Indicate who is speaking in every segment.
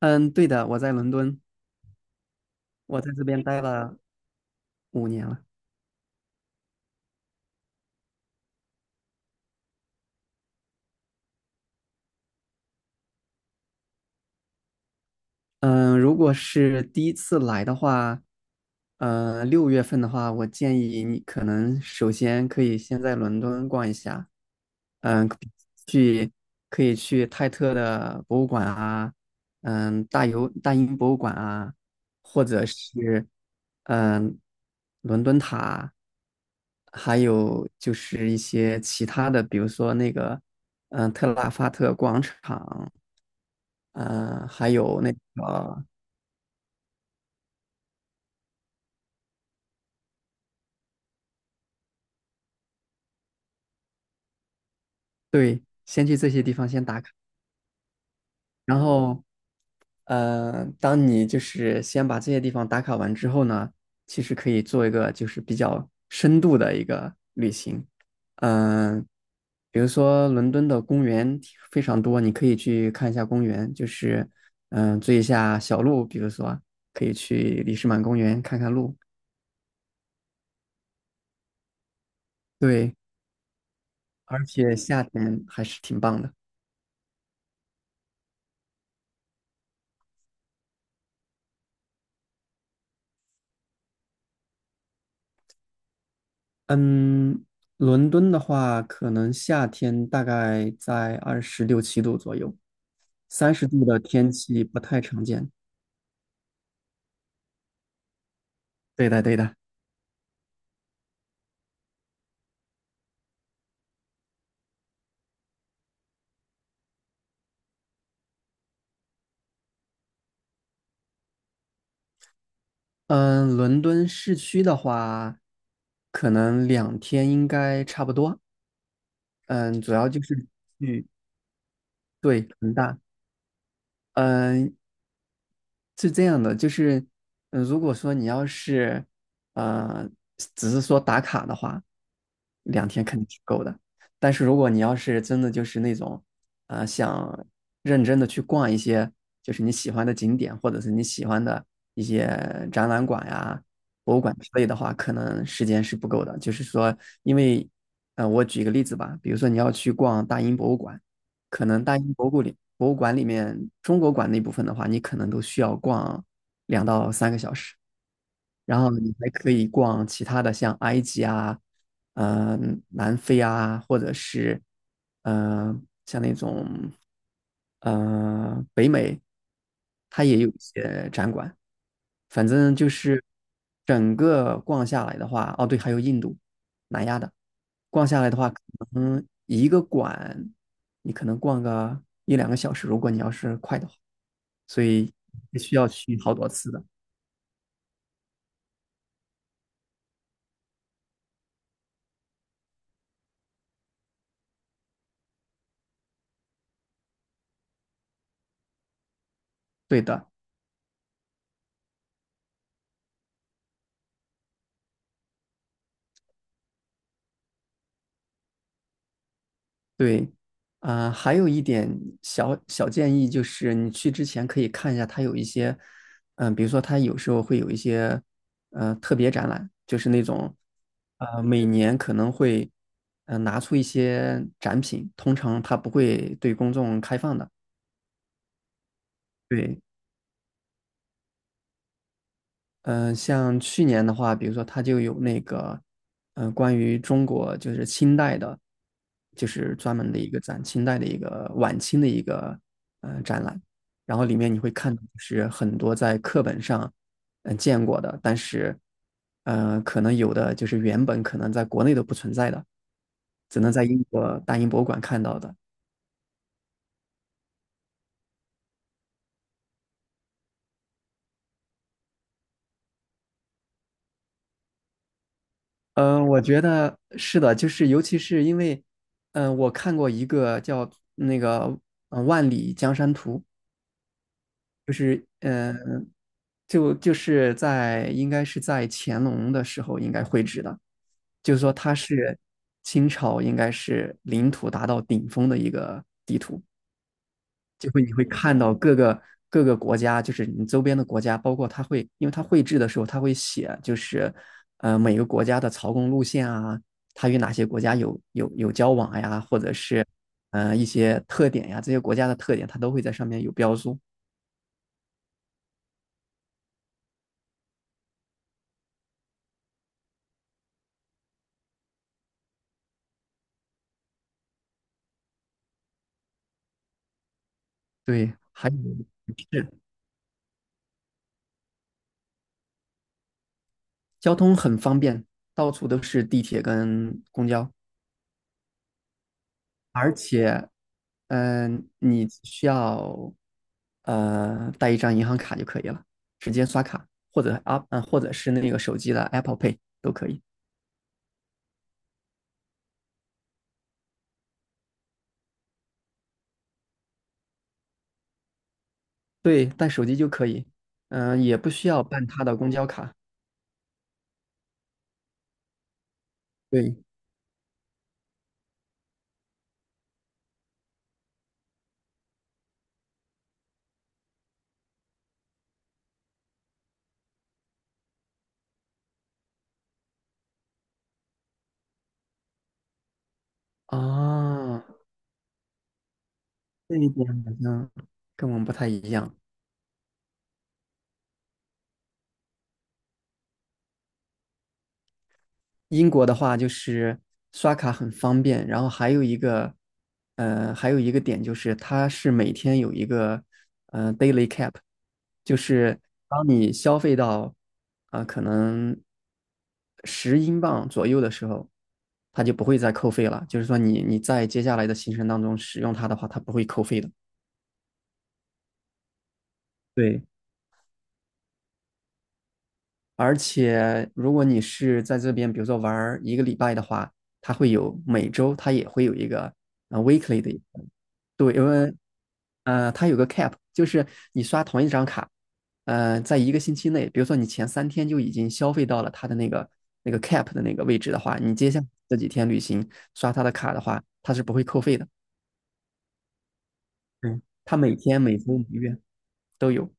Speaker 1: 嗯，对的，我在伦敦，我在这边待了5年了。嗯，如果是第一次来的话，六月份的话，我建议你可能首先可以先在伦敦逛一下，嗯，去可以去泰特的博物馆啊，大英博物馆啊，或者是嗯，伦敦塔，还有就是一些其他的，比如说那个特拉法特广场，嗯，还有那个。对，先去这些地方先打卡，然后，当你就是先把这些地方打卡完之后呢，其实可以做一个就是比较深度的一个旅行，嗯、比如说伦敦的公园非常多，你可以去看一下公园，就是追一下小鹿，比如说可以去里士满公园看看鹿，对，而且夏天还是挺棒的。嗯，伦敦的话，可能夏天大概在二十六七度左右，30度的天气不太常见。对的，对的。嗯，伦敦市区的话，可能两天应该差不多。嗯，主要就是去，对，很大。嗯，是这样的，就是，如果说你要是，呃，只是说打卡的话，两天肯定是够的。但是如果你要是真的就是那种，想认真的去逛一些就是你喜欢的景点，或者是你喜欢的一些展览馆呀、博物馆之类的话，可能时间是不够的。就是说，因为，我举一个例子吧，比如说你要去逛大英博物馆，可能大英博物馆里面中国馆那部分的话，你可能都需要逛2到3个小时，然后你还可以逛其他的，像埃及啊、呃南非啊，或者是呃像那种北美，它也有一些展馆。反正就是整个逛下来的话，哦对，还有印度、南亚的，逛下来的话。嗯，一个馆你可能逛个一两个小时，如果你要是快的话，所以也需要去好多次的。对的，对，啊、还有一点小小建议就是，你去之前可以看一下，它有一些，比如说它有时候会有一些，特别展览，就是那种，每年可能会，拿出一些展品，通常它不会对公众开放的。对，像去年的话，比如说它就有那个，关于中国就是清代的，就是专门的一个展，清代的一个晚清的一个展览，然后里面你会看到就是很多在课本上见过的，但是可能有的就是原本可能在国内都不存在的，只能在英国大英博物馆看到的。嗯，我觉得是的，就是尤其是因为，我看过一个叫那个《万里江山图》，就是在应该是在乾隆的时候应该绘制的，就是说它是清朝应该是领土达到顶峰的一个就会你会看到各个国家，就是你周边的国家，包括他会，因为他绘制的时候，他会写，就是每个国家的朝贡路线啊，他与哪些国家有交往呀，或者是一些特点呀，这些国家的特点，他都会在上面有标注。对，还有是交通很方便，到处都是地铁跟公交，而且你需要带一张银行卡就可以了，直接刷卡，或者是那个手机的 Apple Pay 都可以。对，带手机就可以，也不需要办他的公交卡。对，啊，这一点好像跟我们不太一样。英国的话就是刷卡很方便，然后还有一个点就是它是每天有一个，daily cap，就是当你消费到，可能10英镑左右的时候，它就不会再扣费了。就是说你在接下来的行程当中使用它的话，它不会扣费的。对，而且如果你是在这边，比如说玩一个礼拜的话，它会有每周它也会有一个weekly 的，对，因为它有个 cap，就是你刷同一张卡，在一个星期内，比如说你前3天就已经消费到了它的那个 cap 的那个位置的话，你接下来这几天旅行刷它的卡的话，它是不会扣费的。嗯，它每天、每周、每月都有。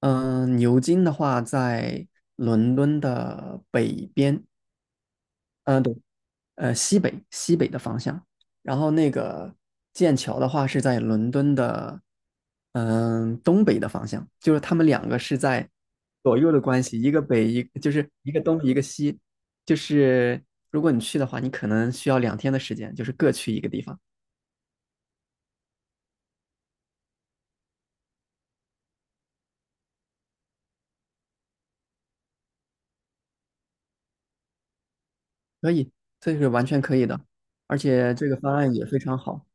Speaker 1: 嗯、牛津的话在伦敦的北边。嗯，对，西北的方向，然后那个剑桥的话是在伦敦的东北的方向，就是他们两个是在左右的关系，一个北就是一个东一个西，就是如果你去的话，你可能需要2天的时间，就是各去一个地方，可以，这是完全可以的，而且这个方案也非常好。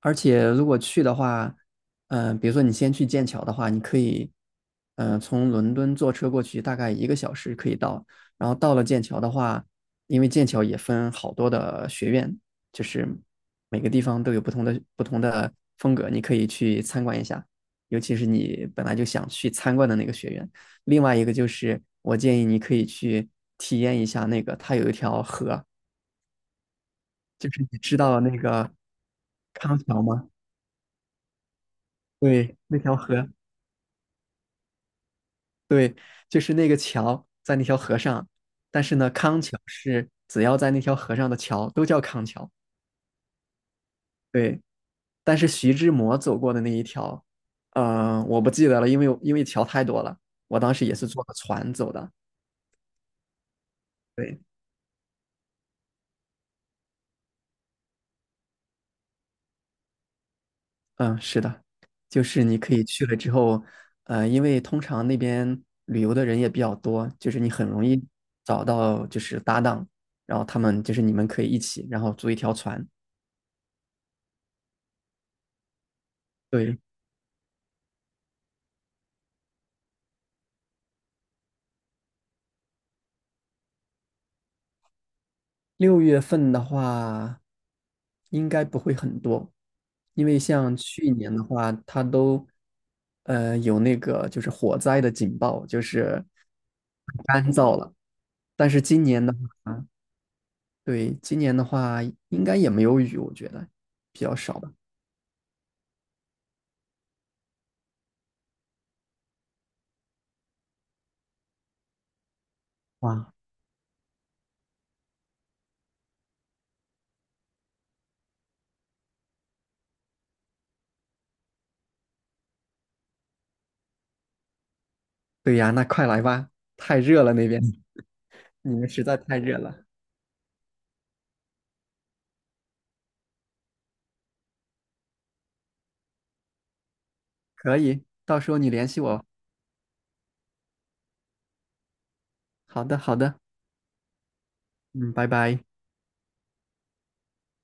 Speaker 1: 而且如果去的话，比如说你先去剑桥的话，你可以，从伦敦坐车过去，大概1个小时可以到。然后到了剑桥的话，因为剑桥也分好多的学院，就是每个地方都有不同的风格，你可以去参观一下。尤其是你本来就想去参观的那个学院。另外一个就是，我建议你可以去体验一下那个，它有一条河，就是你知道那个康桥吗？对，那条河，对，就是那个桥在那条河上，但是呢，康桥是只要在那条河上的桥都叫康桥。对，但是徐志摩走过的那一条，我不记得了，因为桥太多了，我当时也是坐的船走的。对，嗯，是的，就是你可以去了之后，因为通常那边旅游的人也比较多，就是你很容易找到就是搭档，然后他们就是你们可以一起，然后租一条船。对。六月份的话，应该不会很多，因为像去年的话，它都有那个就是火灾的警报，就是干燥了。但是今年的话，对，今年的话应该也没有雨，我觉得比较少吧。哇，对呀，那快来吧，太热了那边，你们实在太热了。可以，到时候你联系我。好的，好的，嗯，拜拜。